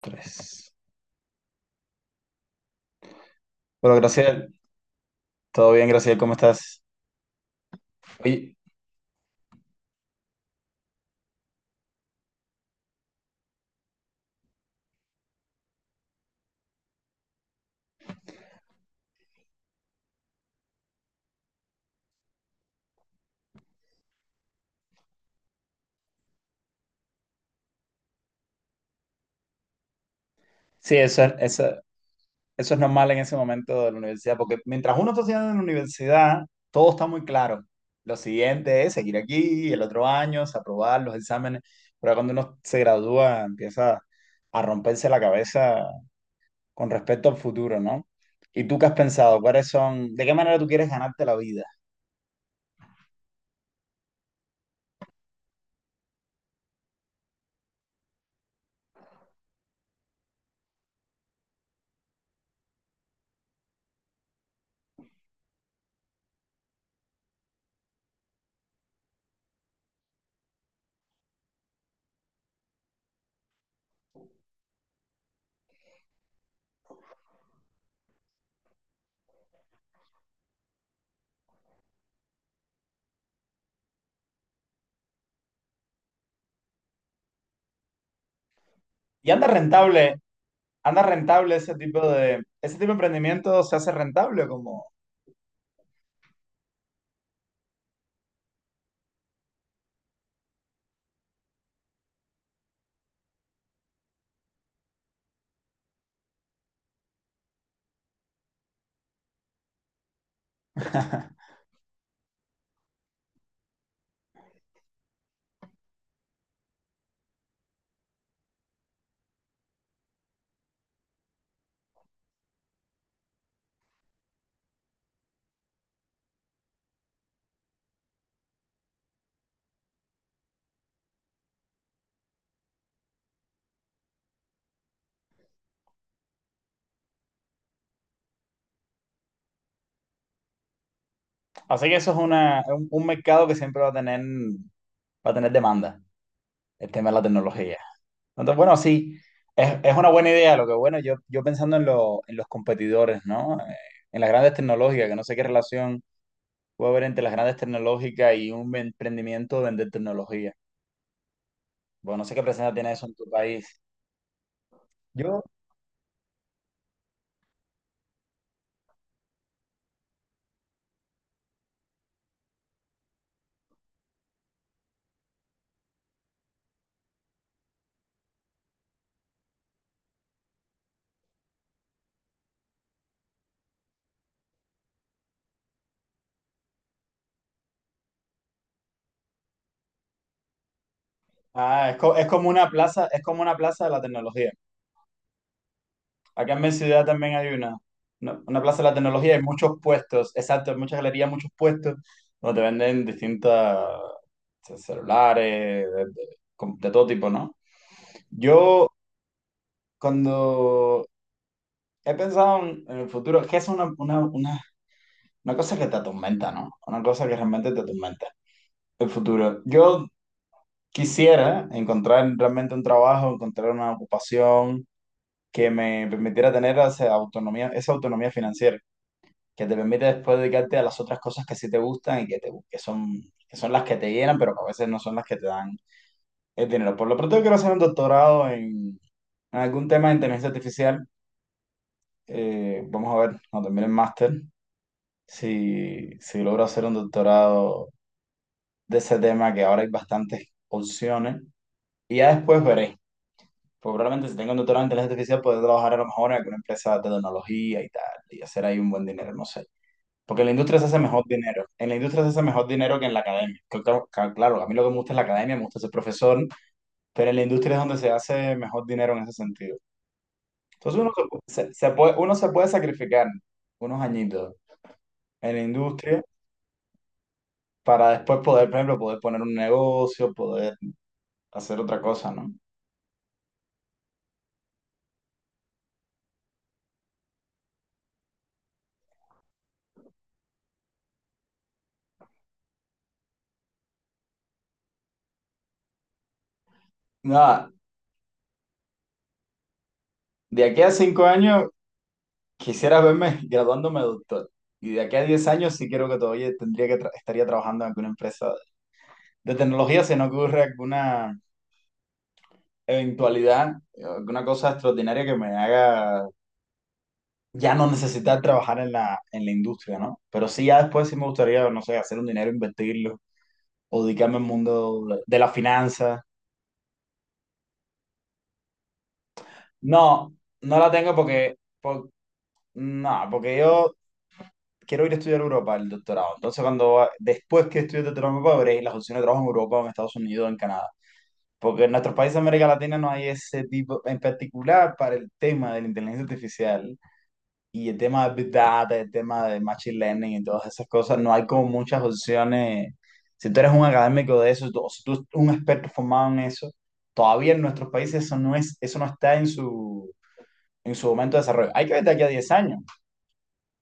Tres. Bueno, Graciela, todo bien, Graciela, ¿cómo estás? Oye, sí, eso es, eso es normal en ese momento de la universidad, porque mientras uno está estudiando en la universidad, todo está muy claro. Lo siguiente es seguir aquí, el otro año, es aprobar los exámenes, pero cuando uno se gradúa empieza a romperse la cabeza con respecto al futuro, ¿no? ¿Y tú qué has pensado? ¿Cuáles son, de qué manera tú quieres ganarte la vida? ¿Y anda rentable ese tipo de emprendimiento se hace rentable como... Así que eso es un mercado que siempre va a tener demanda, el tema de la tecnología. Entonces, bueno, sí, es una buena idea. Lo que bueno, yo pensando en, en los competidores, ¿no? En las grandes tecnológicas, que no sé qué relación puede haber entre las grandes tecnológicas y un emprendimiento de vender tecnología. Bueno, no sé qué presencia tiene eso en tu país. Yo, ah, es como una plaza, es como una plaza de la tecnología. Acá en mi ciudad también hay una plaza de la tecnología, hay muchos puestos, exacto, muchas galerías, muchos puestos, donde te venden distintas celulares, de todo tipo, ¿no? Yo cuando he pensado en el futuro, que es una cosa que te atormenta, ¿no? Una cosa que realmente te atormenta, el futuro. Yo quisiera encontrar realmente un trabajo, encontrar una ocupación que me permitiera tener esa autonomía financiera que te permite después dedicarte a las otras cosas que sí te gustan y que son las que te llenan, pero que a veces no son las que te dan el dinero. Por lo pronto, yo quiero hacer un doctorado en algún tema de inteligencia artificial. Vamos a ver cuando termine el máster si logro hacer un doctorado de ese tema, que ahora hay bastantes opciones. Y ya después veré. Pues probablemente si tengo un doctorado en inteligencia artificial, podré trabajar a lo mejor en alguna empresa de tecnología y tal, y hacer ahí un buen dinero, no sé. Porque en la industria se hace mejor dinero. En la industria se hace mejor dinero que en la academia. Claro, a mí lo que me gusta es la academia, me gusta ser profesor, pero en la industria es donde se hace mejor dinero en ese sentido. Entonces se puede, uno se puede sacrificar unos añitos en la industria para después poder, por ejemplo, poder poner un negocio, poder hacer otra cosa, ¿no? Nada, de aquí a 5 años quisiera verme graduándome de doctor. Y de aquí a 10 años sí creo que todavía tendría estaría trabajando en alguna empresa de tecnología, se nos ocurre alguna eventualidad, una cosa extraordinaria que me haga ya no necesitar trabajar en en la industria, ¿no? Pero sí, ya después sí me gustaría, no sé, hacer un dinero, invertirlo, o dedicarme al mundo de las finanzas. No, no la tengo porque, por- no, porque yo quiero ir a estudiar a Europa el doctorado. Entonces, después que estudie el doctorado me Europa, veré las opciones de trabajo en Europa, o en Estados Unidos, o en Canadá. Porque en nuestros países de América Latina no hay ese tipo, en particular para el tema de la inteligencia artificial y el tema de Big Data, el tema de Machine Learning y todas esas cosas, no hay como muchas opciones. Si tú eres un académico de eso, o si tú eres un experto formado en eso, todavía en nuestros países eso no está en su momento de desarrollo. Hay que ver de aquí a 10 años,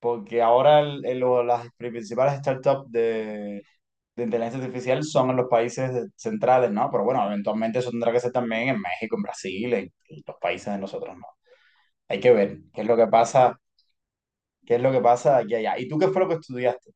porque ahora las principales startups de inteligencia artificial son en los países de- centrales, ¿no? Pero bueno, eventualmente eso tendrá que ser también en México, en Brasil, en los países de nosotros, ¿no? Hay que ver qué es lo que pasa. ¿Qué es lo que pasa de aquí a allá? ¿Y tú qué fue lo que estudiaste?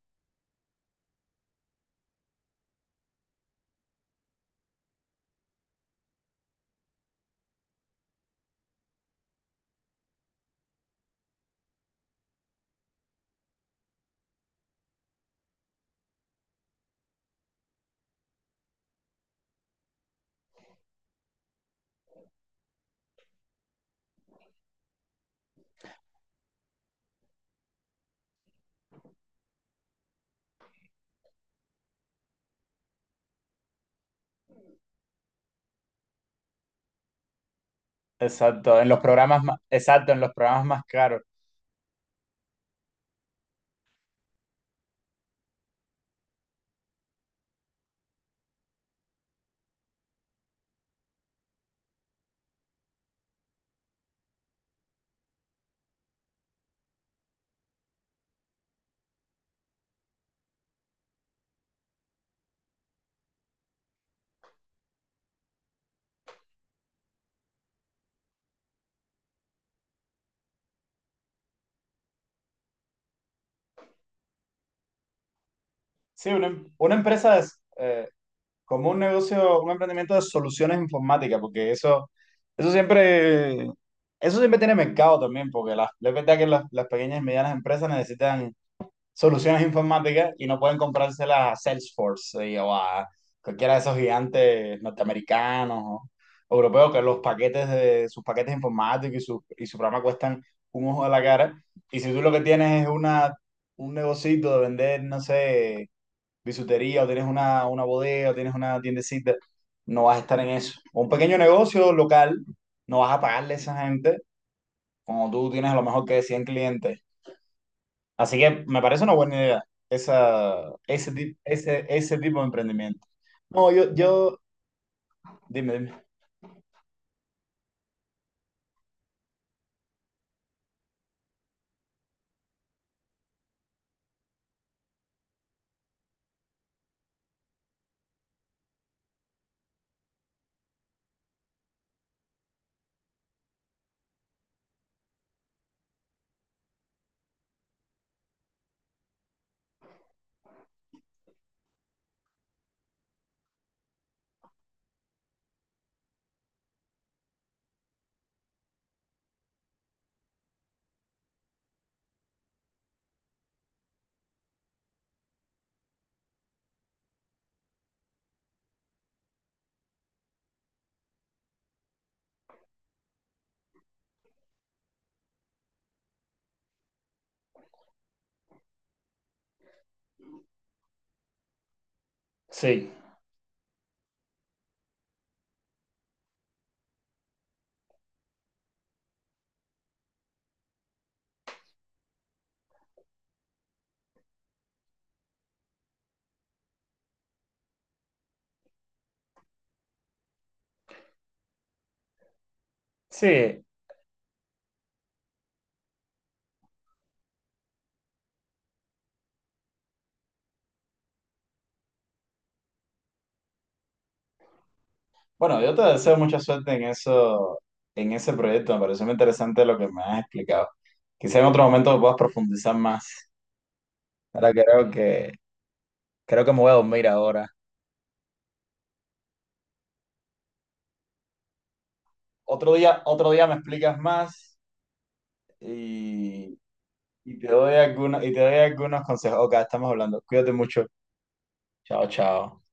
Exacto, en los programas más, exacto, en los programas más caros. Sí, una empresa es como un negocio, un emprendimiento de soluciones informáticas, porque eso, eso siempre, eso siempre tiene mercado también, porque es verdad que las pequeñas y medianas empresas necesitan soluciones informáticas y no pueden comprárselas a o a cualquiera de esos gigantes norteamericanos o europeos que los paquetes de sus paquetes informáticos y su programa cuestan un ojo de la cara. Y si tú lo que tienes es un negocito de vender, no sé, bisutería o tienes una bodega o tienes una tiendecita, no vas a estar en eso. O un pequeño negocio local, no vas a pagarle a esa gente. Como tú tienes a lo mejor que 100 clientes. Así que me parece una buena idea esa, ese, ti- ese tipo de emprendimiento. No, dime, dime. Sí, sí. Bueno, yo te deseo mucha suerte en eso, en ese proyecto. Me pareció muy interesante lo que me has explicado. Quizá en otro momento puedas profundizar más. Ahora creo que me voy a dormir ahora. Otro día me explicas más y, y te doy algunos, y te doy algunos consejos. Ok, estamos hablando. Cuídate mucho. Chao, chao.